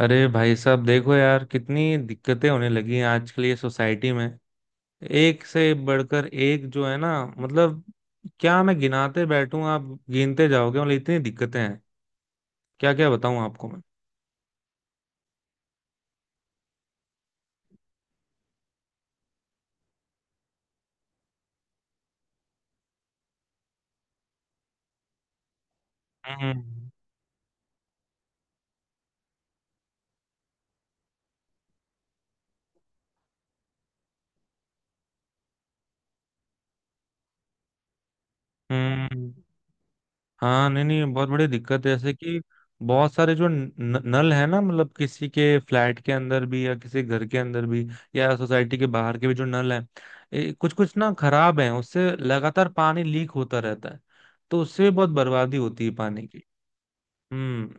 अरे भाई साहब, देखो यार, कितनी दिक्कतें होने लगी हैं आजकल ये सोसाइटी में। एक से बढ़कर एक जो है ना। मतलब क्या मैं गिनाते बैठूं, आप गिनते जाओगे। मतलब इतनी दिक्कतें हैं, क्या क्या बताऊं आपको मैं। हम्म हम्म। हाँ, नहीं नहीं, बहुत बड़ी दिक्कत है। जैसे कि बहुत सारे जो न, न- नल है ना, मतलब किसी के फ्लैट के अंदर भी या किसी घर के अंदर भी या सोसाइटी के बाहर के भी जो नल है, कुछ कुछ ना खराब हैं, उससे लगातार पानी लीक होता रहता है। तो उससे भी बहुत बर्बादी होती है पानी की। हम्म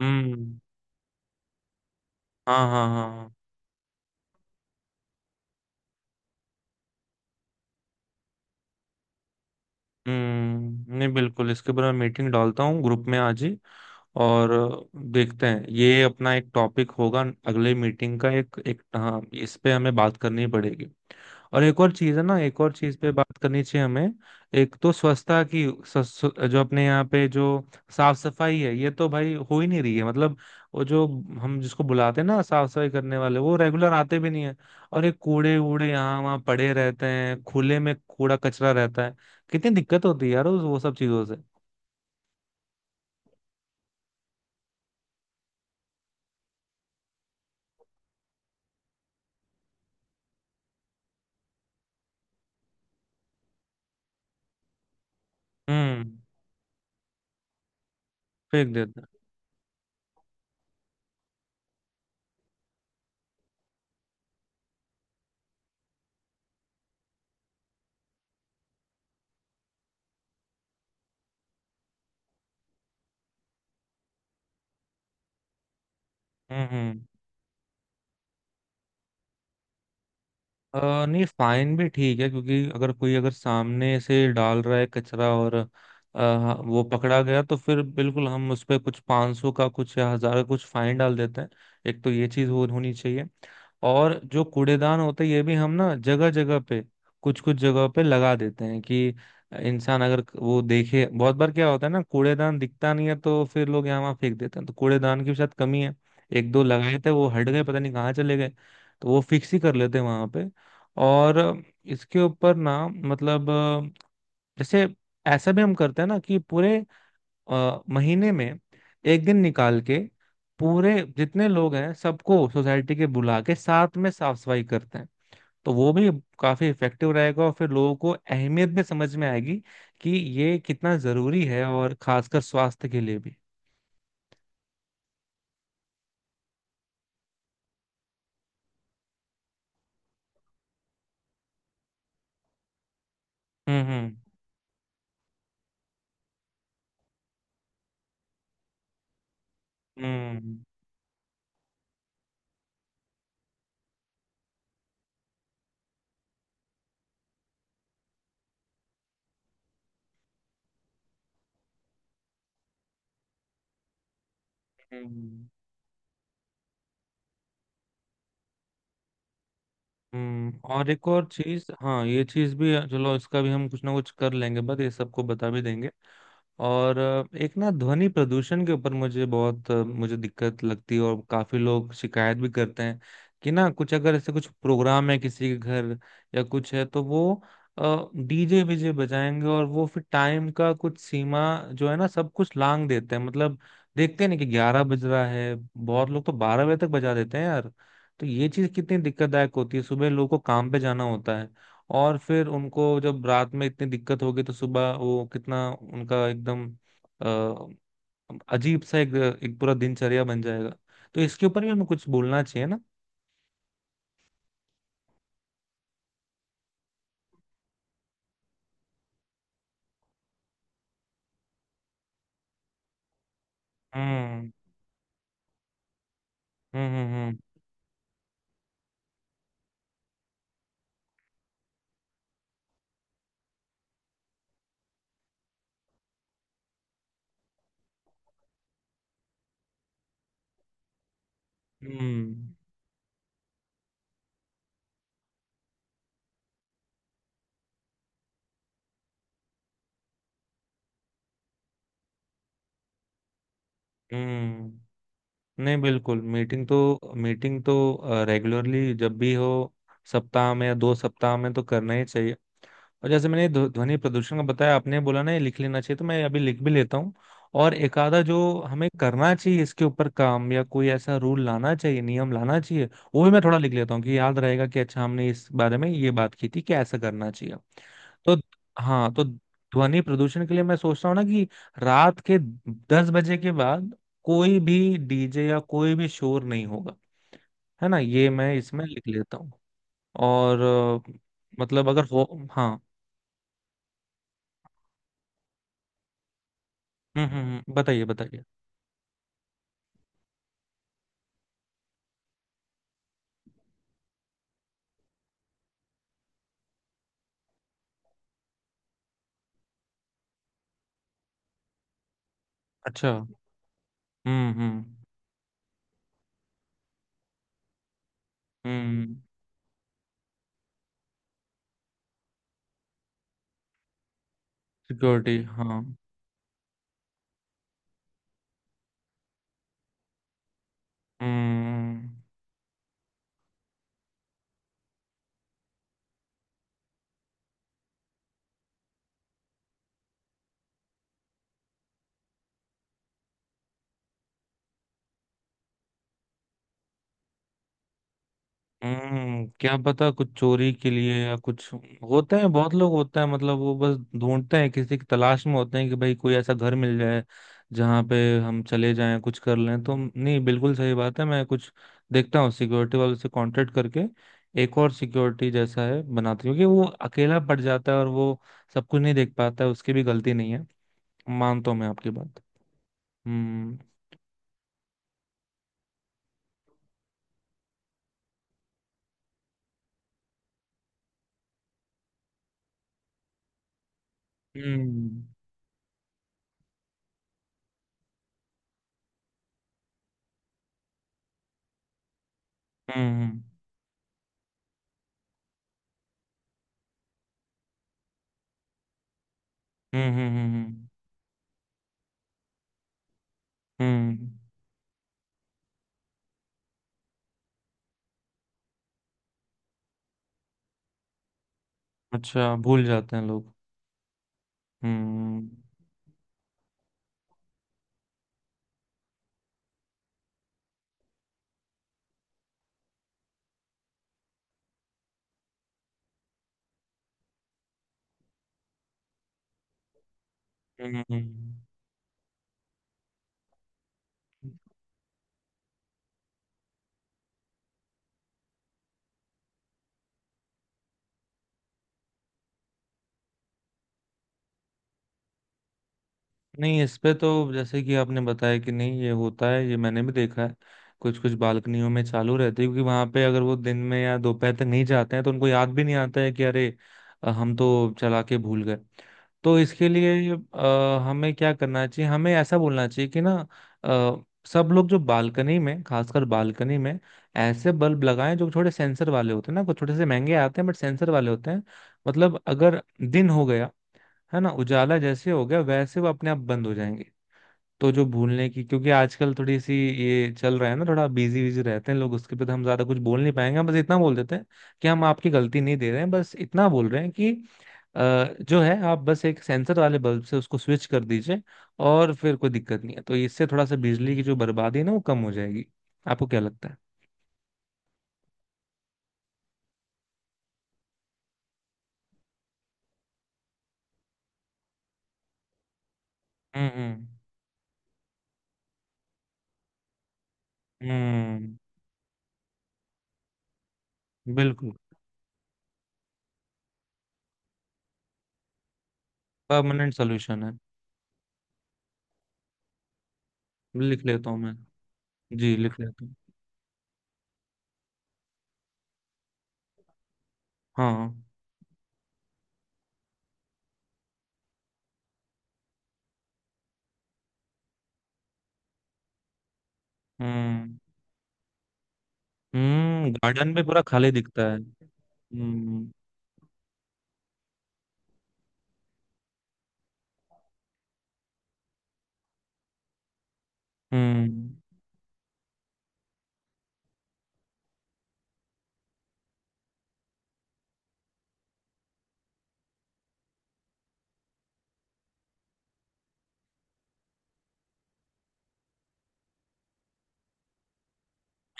हम्म। हाँ हाँ हाँ हाँ। हम्म। नहीं, बिल्कुल इसके ऊपर मैं मीटिंग डालता हूँ ग्रुप में आज ही। और देखते हैं, ये अपना एक टॉपिक होगा अगले मीटिंग का। एक एक हाँ, इस पे हमें बात करनी पड़ेगी। और एक और चीज है ना, एक और चीज पे बात करनी चाहिए हमें। एक तो स्वच्छता की जो अपने यहाँ पे जो साफ सफाई है, ये तो भाई हो ही नहीं रही है। मतलब वो जो हम जिसको बुलाते हैं ना साफ सफाई करने वाले, वो रेगुलर आते भी नहीं है। और ये कूड़े वूड़े यहाँ वहाँ पड़े रहते हैं, खुले में कूड़ा कचरा रहता है। कितनी दिक्कत होती है यार वो सब चीजों से। हम्म। फेंक देते हैं। हम्म। नहीं, फाइन भी ठीक है, क्योंकि अगर कोई अगर सामने से डाल रहा है कचरा, और वो पकड़ा गया, तो फिर बिल्कुल हम उस पर कुछ 500 का कुछ या हजार का कुछ फाइन डाल देते हैं। एक तो ये चीज हो होनी चाहिए। और जो कूड़ेदान होते हैं, ये भी हम ना जगह जगह पे, कुछ कुछ जगह पे लगा देते हैं। कि इंसान अगर वो देखे, बहुत बार क्या होता है ना, कूड़ेदान दिखता नहीं है तो फिर लोग यहाँ वहाँ फेंक देते हैं। तो कूड़ेदान की भी शायद कमी है। एक दो लगाए थे, वो हट गए, पता नहीं कहाँ चले गए। तो वो फिक्स ही कर लेते हैं वहां पे। और इसके ऊपर ना, मतलब जैसे ऐसा भी हम करते हैं ना कि पूरे महीने में एक दिन निकाल के पूरे जितने लोग हैं सबको सोसाइटी के बुला के साथ में साफ सफाई करते हैं। तो वो भी काफी इफेक्टिव रहेगा, और फिर लोगों को अहमियत भी समझ में आएगी कि ये कितना जरूरी है, और खासकर स्वास्थ्य के लिए भी। हम्म हम्म हम्म हम्म। हम्म। हम्म, और एक और चीज, हाँ ये चीज भी, चलो इसका भी हम कुछ ना कुछ कर लेंगे, बट ये सबको बता भी देंगे। और एक ना ध्वनि प्रदूषण के ऊपर मुझे बहुत मुझे दिक्कत लगती है, और काफी लोग शिकायत भी करते हैं कि ना कुछ अगर ऐसे कुछ प्रोग्राम है किसी के घर या कुछ है तो वो डीजे वीजे बजाएंगे, और वो फिर टाइम का कुछ सीमा जो है ना सब कुछ लांग देते हैं। मतलब देखते नहीं कि 11 बज रहा है, बहुत लोग तो 12 बजे तक बजा देते हैं यार। तो ये चीज कितनी दिक्कतदायक होती है, सुबह लोगों को काम पे जाना होता है, और फिर उनको जब रात में इतनी दिक्कत हो गई तो सुबह वो कितना, उनका एकदम अ, अजीब सा एक एक पूरा दिनचर्या बन जाएगा। तो इसके ऊपर भी हमें कुछ बोलना चाहिए ना। हम्म हम्म हम्म हम्म। हम्म, नहीं बिल्कुल, मीटिंग तो, मीटिंग तो रेगुलरली जब भी हो, सप्ताह में या 2 सप्ताह में, तो करना ही चाहिए। और जैसे मैंने ध्वनि प्रदूषण का बताया, आपने बोला ना ये लिख लेना चाहिए, तो मैं अभी लिख भी लेता हूँ। और एक आधा जो हमें करना चाहिए इसके ऊपर काम, या कोई ऐसा रूल लाना चाहिए, नियम लाना चाहिए, वो भी मैं थोड़ा लिख लेता हूँ कि याद रहेगा कि अच्छा हमने इस बारे में ये बात की थी कि ऐसा करना चाहिए। तो हाँ, तो ध्वनि प्रदूषण के लिए मैं सोचता हूँ ना कि रात के 10 बजे के बाद कोई भी डीजे या कोई भी शोर नहीं होगा। है ना, ये मैं इसमें लिख लेता हूँ। और अ, मतलब अगर हो। हाँ। बताइए बताइए। अच्छा। हम्म। हम्म, सिक्योरिटी, हाँ। हम्म हम्म, क्या पता कुछ चोरी के लिए या कुछ। होते हैं, बहुत लोग होते हैं, मतलब वो बस ढूंढते हैं, किसी की तलाश में होते हैं कि भाई कोई ऐसा घर मिल जाए जहाँ पे हम चले जाएं कुछ कर लें। तो नहीं, बिल्कुल सही बात है, मैं कुछ देखता हूँ, सिक्योरिटी वालों से कांटेक्ट करके एक और सिक्योरिटी जैसा है बनाती हूँ, क्योंकि वो अकेला पड़ जाता है और वो सब कुछ नहीं देख पाता है, उसकी भी गलती नहीं है, मानता हूँ मैं आपकी बात। हम्म हम्म हम्म हम्म। हम्म, अच्छा, भूल जाते हैं लोग। हम्म हम्म नहीं, इस पे तो जैसे कि आपने बताया कि नहीं ये होता है, ये मैंने भी देखा है, कुछ कुछ बालकनियों में चालू रहती है क्योंकि वहां पे अगर वो दिन में या दोपहर तक नहीं जाते हैं तो उनको याद भी नहीं आता है कि अरे हम तो चला के भूल गए। तो इसके लिए हमें क्या करना चाहिए, हमें ऐसा बोलना चाहिए कि ना सब लोग जो बालकनी में, खासकर बालकनी में, ऐसे बल्ब लगाएं जो थोड़े सेंसर वाले होते हैं ना, कुछ थोड़े से महंगे आते हैं, बट सेंसर वाले होते हैं। मतलब अगर दिन हो गया है ना, उजाला जैसे हो गया वैसे वो अपने आप बंद हो जाएंगे। तो जो भूलने की, क्योंकि आजकल थोड़ी सी ये चल रहा है ना, थोड़ा बिजी बिजी रहते हैं लोग, उसके पे तो हम ज्यादा कुछ बोल नहीं पाएंगे, हम बस इतना बोल देते हैं कि हम आपकी गलती नहीं दे रहे हैं, बस इतना बोल रहे हैं कि जो है आप बस एक सेंसर वाले बल्ब से उसको स्विच कर दीजिए और फिर कोई दिक्कत नहीं है, तो इससे थोड़ा सा बिजली की जो बर्बादी है ना वो कम हो जाएगी। आपको क्या लगता है? हम्म हम्म। बिल्कुल। परमानेंट सोल्यूशन है। लिख लेता हूँ मैं, जी लिख लेता हूँ। हाँ। हम्म हम्म, गार्डन में पूरा खाली दिखता है। हम्म।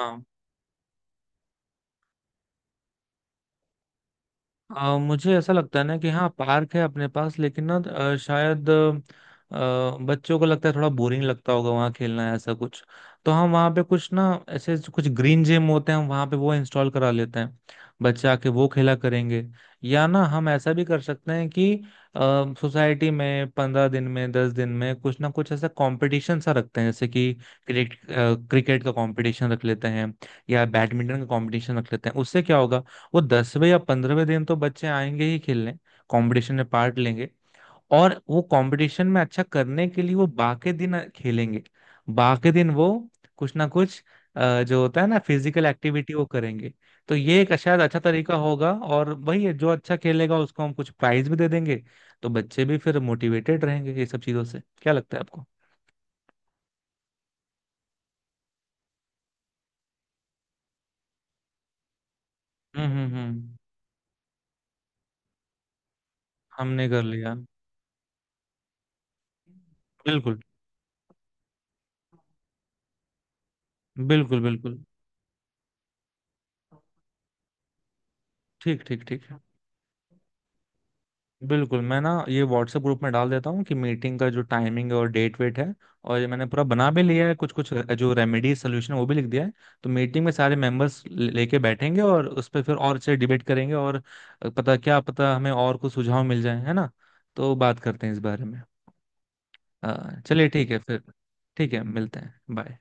हाँ। आ, मुझे ऐसा लगता है ना कि हाँ पार्क है अपने पास, लेकिन ना शायद बच्चों को लगता है थोड़ा बोरिंग लगता होगा वहाँ खेलना, है ऐसा कुछ। तो हम वहाँ पे कुछ ना, ऐसे कुछ ग्रीन जिम होते हैं, हम वहाँ पे वो इंस्टॉल करा लेते हैं, बच्चे आके वो खेला करेंगे। या ना हम ऐसा भी कर सकते हैं कि सोसाइटी में 15 दिन में, 10 दिन में, कुछ ना कुछ ऐसा कंपटीशन सा रखते हैं, जैसे कि क्रिकेट, क्रिकेट का कंपटीशन रख लेते हैं, या बैडमिंटन का कंपटीशन रख लेते हैं। उससे क्या होगा, वो 10वें या 15वें दिन तो बच्चे आएंगे ही खेलने, कंपटीशन में पार्ट लेंगे, और वो कंपटीशन में अच्छा करने के लिए वो बाकी दिन खेलेंगे। बाकी दिन वो कुछ ना कुछ जो होता है ना फिजिकल एक्टिविटी वो करेंगे। तो ये एक शायद अच्छा तरीका होगा, और वही है जो अच्छा खेलेगा उसको हम कुछ प्राइज भी दे देंगे। तो बच्चे भी फिर मोटिवेटेड रहेंगे ये सब चीजों से। क्या लगता है आपको? हम्म। हमने कर लिया। बिल्कुल बिल्कुल बिल्कुल। ठीक ठीक ठीक। बिल्कुल, मैं ना ये व्हाट्सएप ग्रुप में डाल देता हूँ कि मीटिंग का जो टाइमिंग और डेट वेट है। और ये मैंने पूरा बना भी लिया है, कुछ कुछ जो रेमेडी सोल्यूशन है वो भी लिख दिया है। तो मीटिंग में सारे मेंबर्स लेके बैठेंगे और उस पर फिर और से डिबेट करेंगे, और पता, क्या पता हमें और कुछ सुझाव मिल जाए, है ना। तो बात करते हैं इस बारे में। चलिए ठीक है फिर। ठीक है, मिलते हैं, बाय।